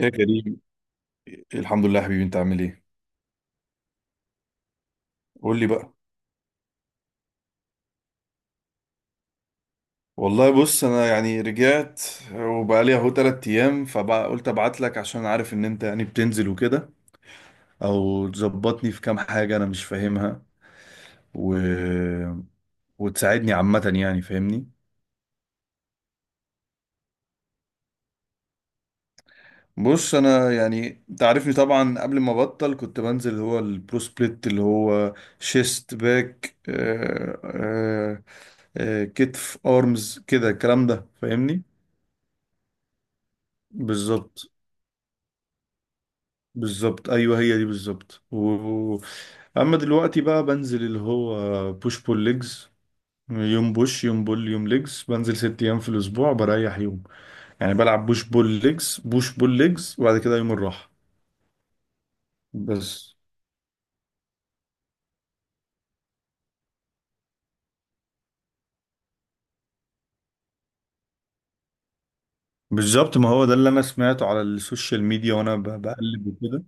يا كريم، الحمد لله يا حبيبي. انت عامل ايه؟ قول لي بقى. والله بص، انا يعني رجعت وبقى لي اهو 3 ايام، فبقى قلت ابعت لك عشان عارف ان انت يعني بتنزل وكده، او تظبطني في كام حاجة انا مش فاهمها، و... وتساعدني عامة يعني، فاهمني. بص انا يعني انت عارفني طبعا، قبل ما ابطل كنت بنزل هو البرو سبليت، اللي هو شيست، باك، كتف، ارمز، كده الكلام ده فاهمني. بالظبط. بالظبط، ايوه هي دي بالظبط. و- اما دلوقتي بقى بنزل اللي هو بوش بول ليجز، يوم بوش يوم بول يوم ليجز، بنزل 6 ايام في الاسبوع بريح يوم. يعني بلعب بوش بول ليجز، بوش بول ليجز، وبعد كده يوم الراحه بس. بالظبط. ما هو ده اللي انا سمعته على السوشيال ميديا وانا بقلب وكده.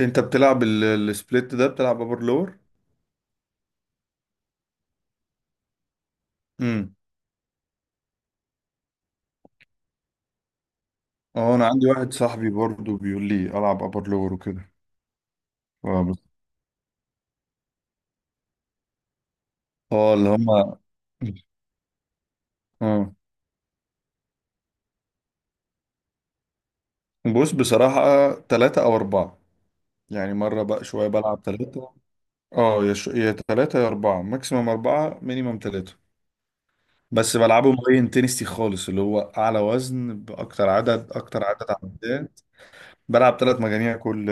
انت بتلعب السبليت ده؟ بتلعب ابر لور؟ امم. اه، انا عندي واحد صاحبي برضو بيقول لي العب ابر لور وكده. اه بس- اللي هما، اه. بص بصراحة 3 أو 4. يعني مرة بقى شوية بلعب 3. اه، يا تلاتة يا أربعة، ماكسيمم 4 مينيمم 3. بس بلعبه مبين تنستي خالص، اللي هو أعلى وزن بأكتر عدد، أكتر عدد عدات. بلعب 3 مجاميع كل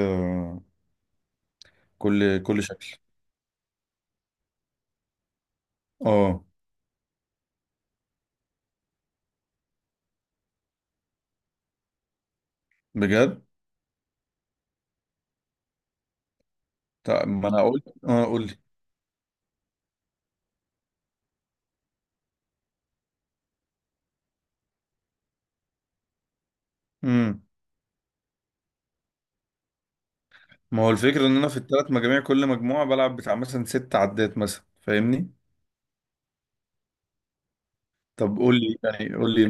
شكل. اه، بجد. طب ما أنا أقول. اه، قول لي. امم. ما هو الفكرة إن أنا في التلات مجاميع كل مجموعة بلعب بتاع مثلا 6 عدات مثلا، فاهمني. طب قول لي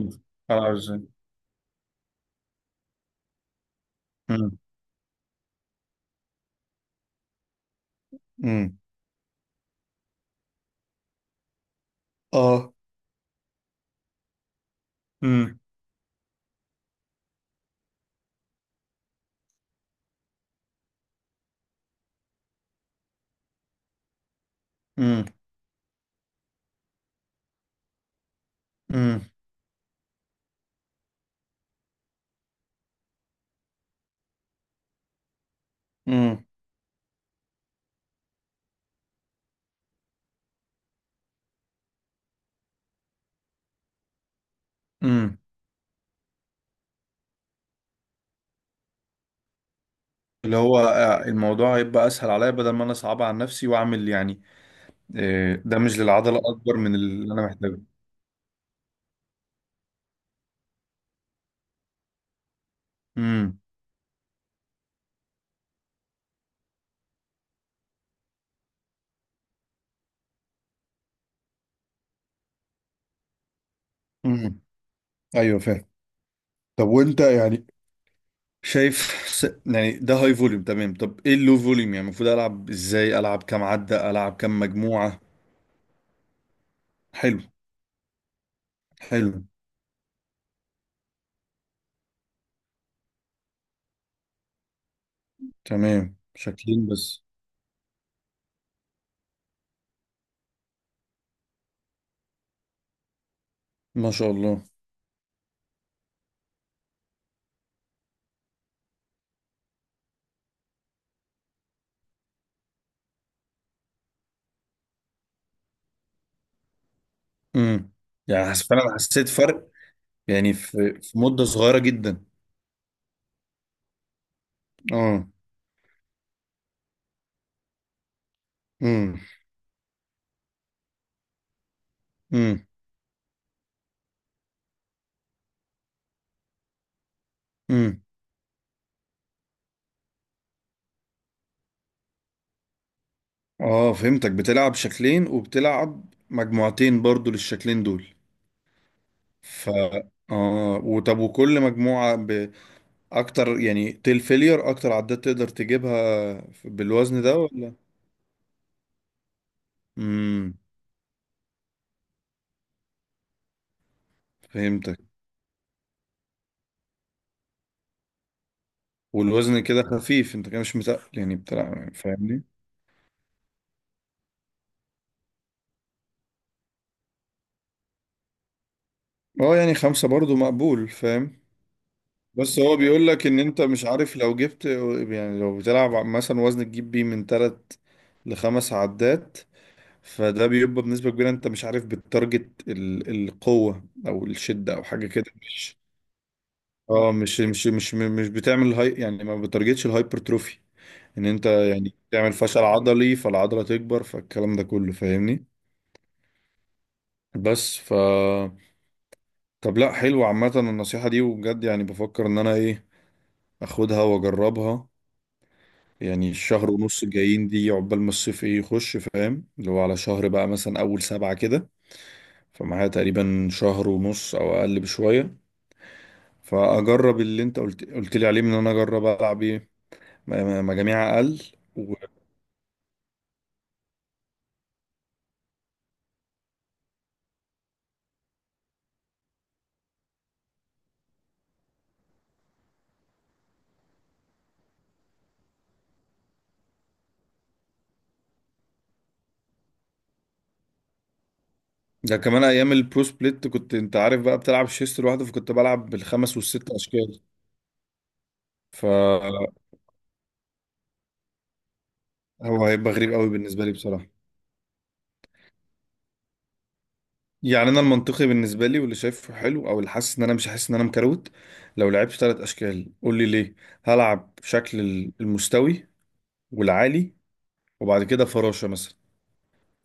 ألعب إزاي. امم. امم. اه. امم. امم. امم. امم. امم. اللي هو الموضوع هيبقى اسهل عليا، بدل ما انا صعب على نفسي واعمل يعني دامج للعضله اكبر من اللي انا محتاجه. امم. امم. ايوه فاهم. طب وانت يعني شايف، يعني ده هاي فوليوم تمام. طب ايه اللو فوليوم يعني، المفروض العب ازاي، العب كام عده، العب كام مجموعه؟ حلو. حلو. تمام، شاكلين بس. ما شاء الله. امم. يعني فعلا حسيت فرق. يعني في مده صغيره جدا. اه. امم. امم. امم. اه فهمتك، بتلعب شكلين وبتلعب مجموعتين برضو للشكلين دول. ف اه وطب، وكل مجموعة بأكتر يعني، تيل فيلير أكتر عدات تقدر تجيبها بالوزن ده ولا؟ امم، فهمتك. والوزن كده خفيف، انت كده مش متقل يعني، بتلعب، فاهمني. اه يعني 5 برضو مقبول فاهم. بس هو بيقول لك ان انت مش عارف لو جبت، يعني لو بتلعب مثلا وزن تجيب بيه من 3 ل5 عدات، فده بيبقى بنسبة كبيرة انت مش عارف بالتارجت، القوة او الشدة او حاجة كده، مش. اه مش بتعمل هاي يعني ما بتارجتش الهايبرتروفي، ان انت يعني تعمل فشل عضلي فالعضلة تكبر، فالكلام ده كله فاهمني. بس ف طب لا، حلو عامة النصيحة دي، وبجد يعني بفكر ان انا ايه، اخدها واجربها. يعني الشهر ونص الجايين دي عقبال ما الصيف ايه يخش، فاهم، اللي هو على شهر بقى مثلا اول سبعة كده. فمعايا تقريبا شهر ونص او اقل بشوية. فاجرب اللي انت قلت لي عليه، من ان انا اجرب العب ايه، م- مجاميع اقل وده. كمان ايام البرو سبليت كنت انت عارف بقى بتلعب شيست لوحده، فكنت بلعب بالخمس والست اشكال. فهو هيبقى غريب قوي بالنسبه لي بصراحه. يعني انا المنطقي بالنسبه لي واللي شايفه حلو، او اللي حاسس ان انا مش حاسس ان انا مكروت، لو لعبت 3 اشكال، قول لي ليه، هلعب شكل المستوي والعالي وبعد كده فراشه مثلا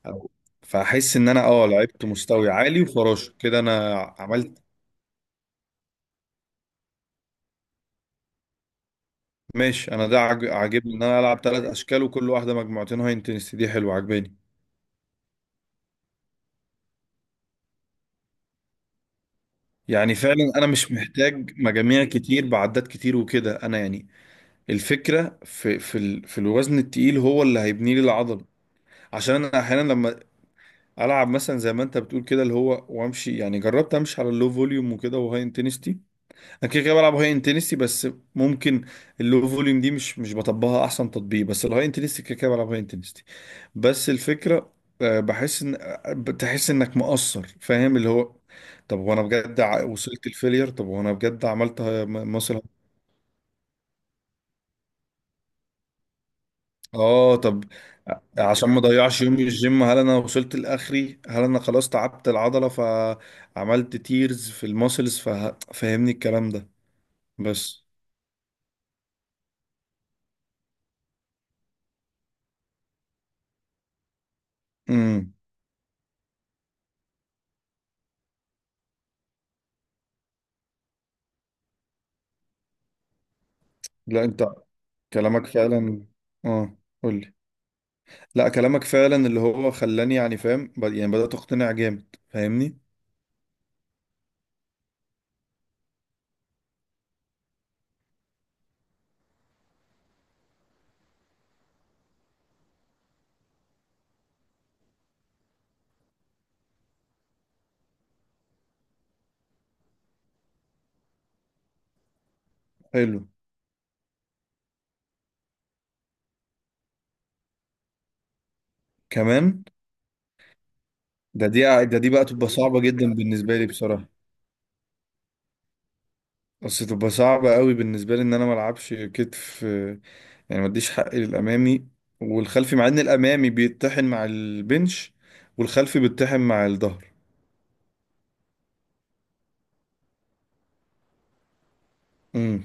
أو- فاحس ان انا لعبت مستوي عالي وفراشه كده انا عملت. ماشي، انا ده عاجبني ان انا العب 3 اشكال وكل واحده مجموعتين. هاي انتنسيتي دي حلوه عاجباني. يعني فعلا انا مش محتاج مجاميع كتير بعدات كتير وكده، انا يعني الفكره في الوزن التقيل هو اللي هيبني لي العضله. عشان انا احيانا لما العب مثلا زي ما انت بتقول كده، اللي هو وامشي يعني، جربت امشي على اللو فوليوم وكده وهاي انتنسيتي، انا كده كده بلعب هاي انتنسي بس. ممكن اللو فوليوم دي مش بطبقها احسن تطبيق، بس الهاي انتنسي كده كده بلعب هاي انتنسي. بس الفكره، بحس ان بتحس انك مقصر، فاهم اللي هو. طب وانا بجد وصلت الفيلير؟ طب وانا بجد عملت مثلا اه، طب ع- عشان ما اضيعش يومي الجيم، هل انا وصلت لاخري؟ هل انا خلاص تعبت العضله فعملت تيرز في الماسلز؟ فاهمني الكلام ده بس. امم. لا، انت كلامك فعلا. اه، قولي. لا كلامك فعلا اللي هو خلاني يعني فاهم، يعني بدأت اقتنع جامد فاهمني. حلو. كمان ده دي ده دي بقى تبقى صعبة جدا بالنسبة لي بصراحة. بس تبقى صعبة قوي بالنسبة لي ان انا ما العبش كتف، يعني ما اديش حقي للامامي والخلفي، مع ان الامامي بيتطحن مع البنش والخلفي بيتطحن مع الظهر. امم.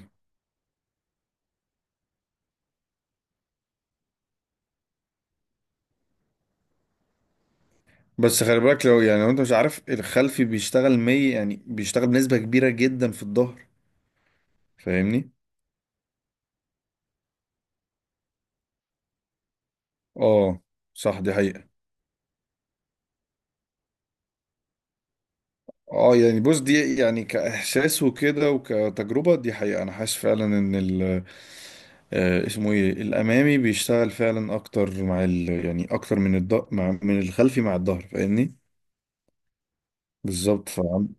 بس خلي بالك لو، يعني لو انت مش عارف، الخلفي بيشتغل 100 يعني، بيشتغل بنسبة كبيرة جدا في الظهر، فاهمني. اه صح، دي حقيقة. اه يعني بص، دي يعني كإحساس وكده وكتجربة، دي حقيقة. أنا حاسس فعلا إن ال آه، اسمه ايه، الأمامي بيشتغل فعلا أكتر مع ال يعني، أكتر من الض مع من الخلفي مع الظهر، فاهمني. بالظبط فاهم.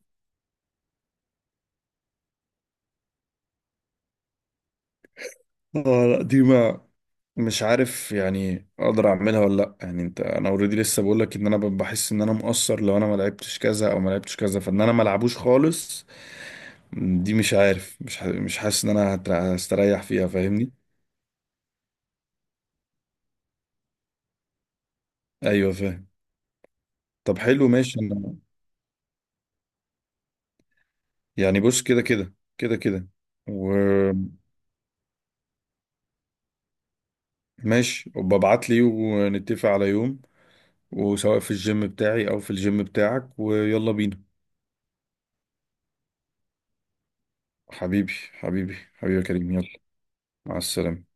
اه لا، دي مع، مش عارف يعني اقدر اعملها ولا لا، يعني انت، انا اوريدي لسه بقول لك ان انا بحس ان انا مقصر لو انا ما لعبتش كذا او ما لعبتش كذا، فان انا ما العبوش خالص. دي مش عارف، مش حاسس ان انا هستريح فيها، فاهمني. ايوه فاهم. طب حلو ماشي، انا يعني بص كده كده كده كده وماشي، وببعت لي ونتفق على يوم، وسواء في الجيم بتاعي او في الجيم بتاعك، ويلا بينا. حبيبي حبيبي حبيبي يا كريم، يلا. مع السلامة.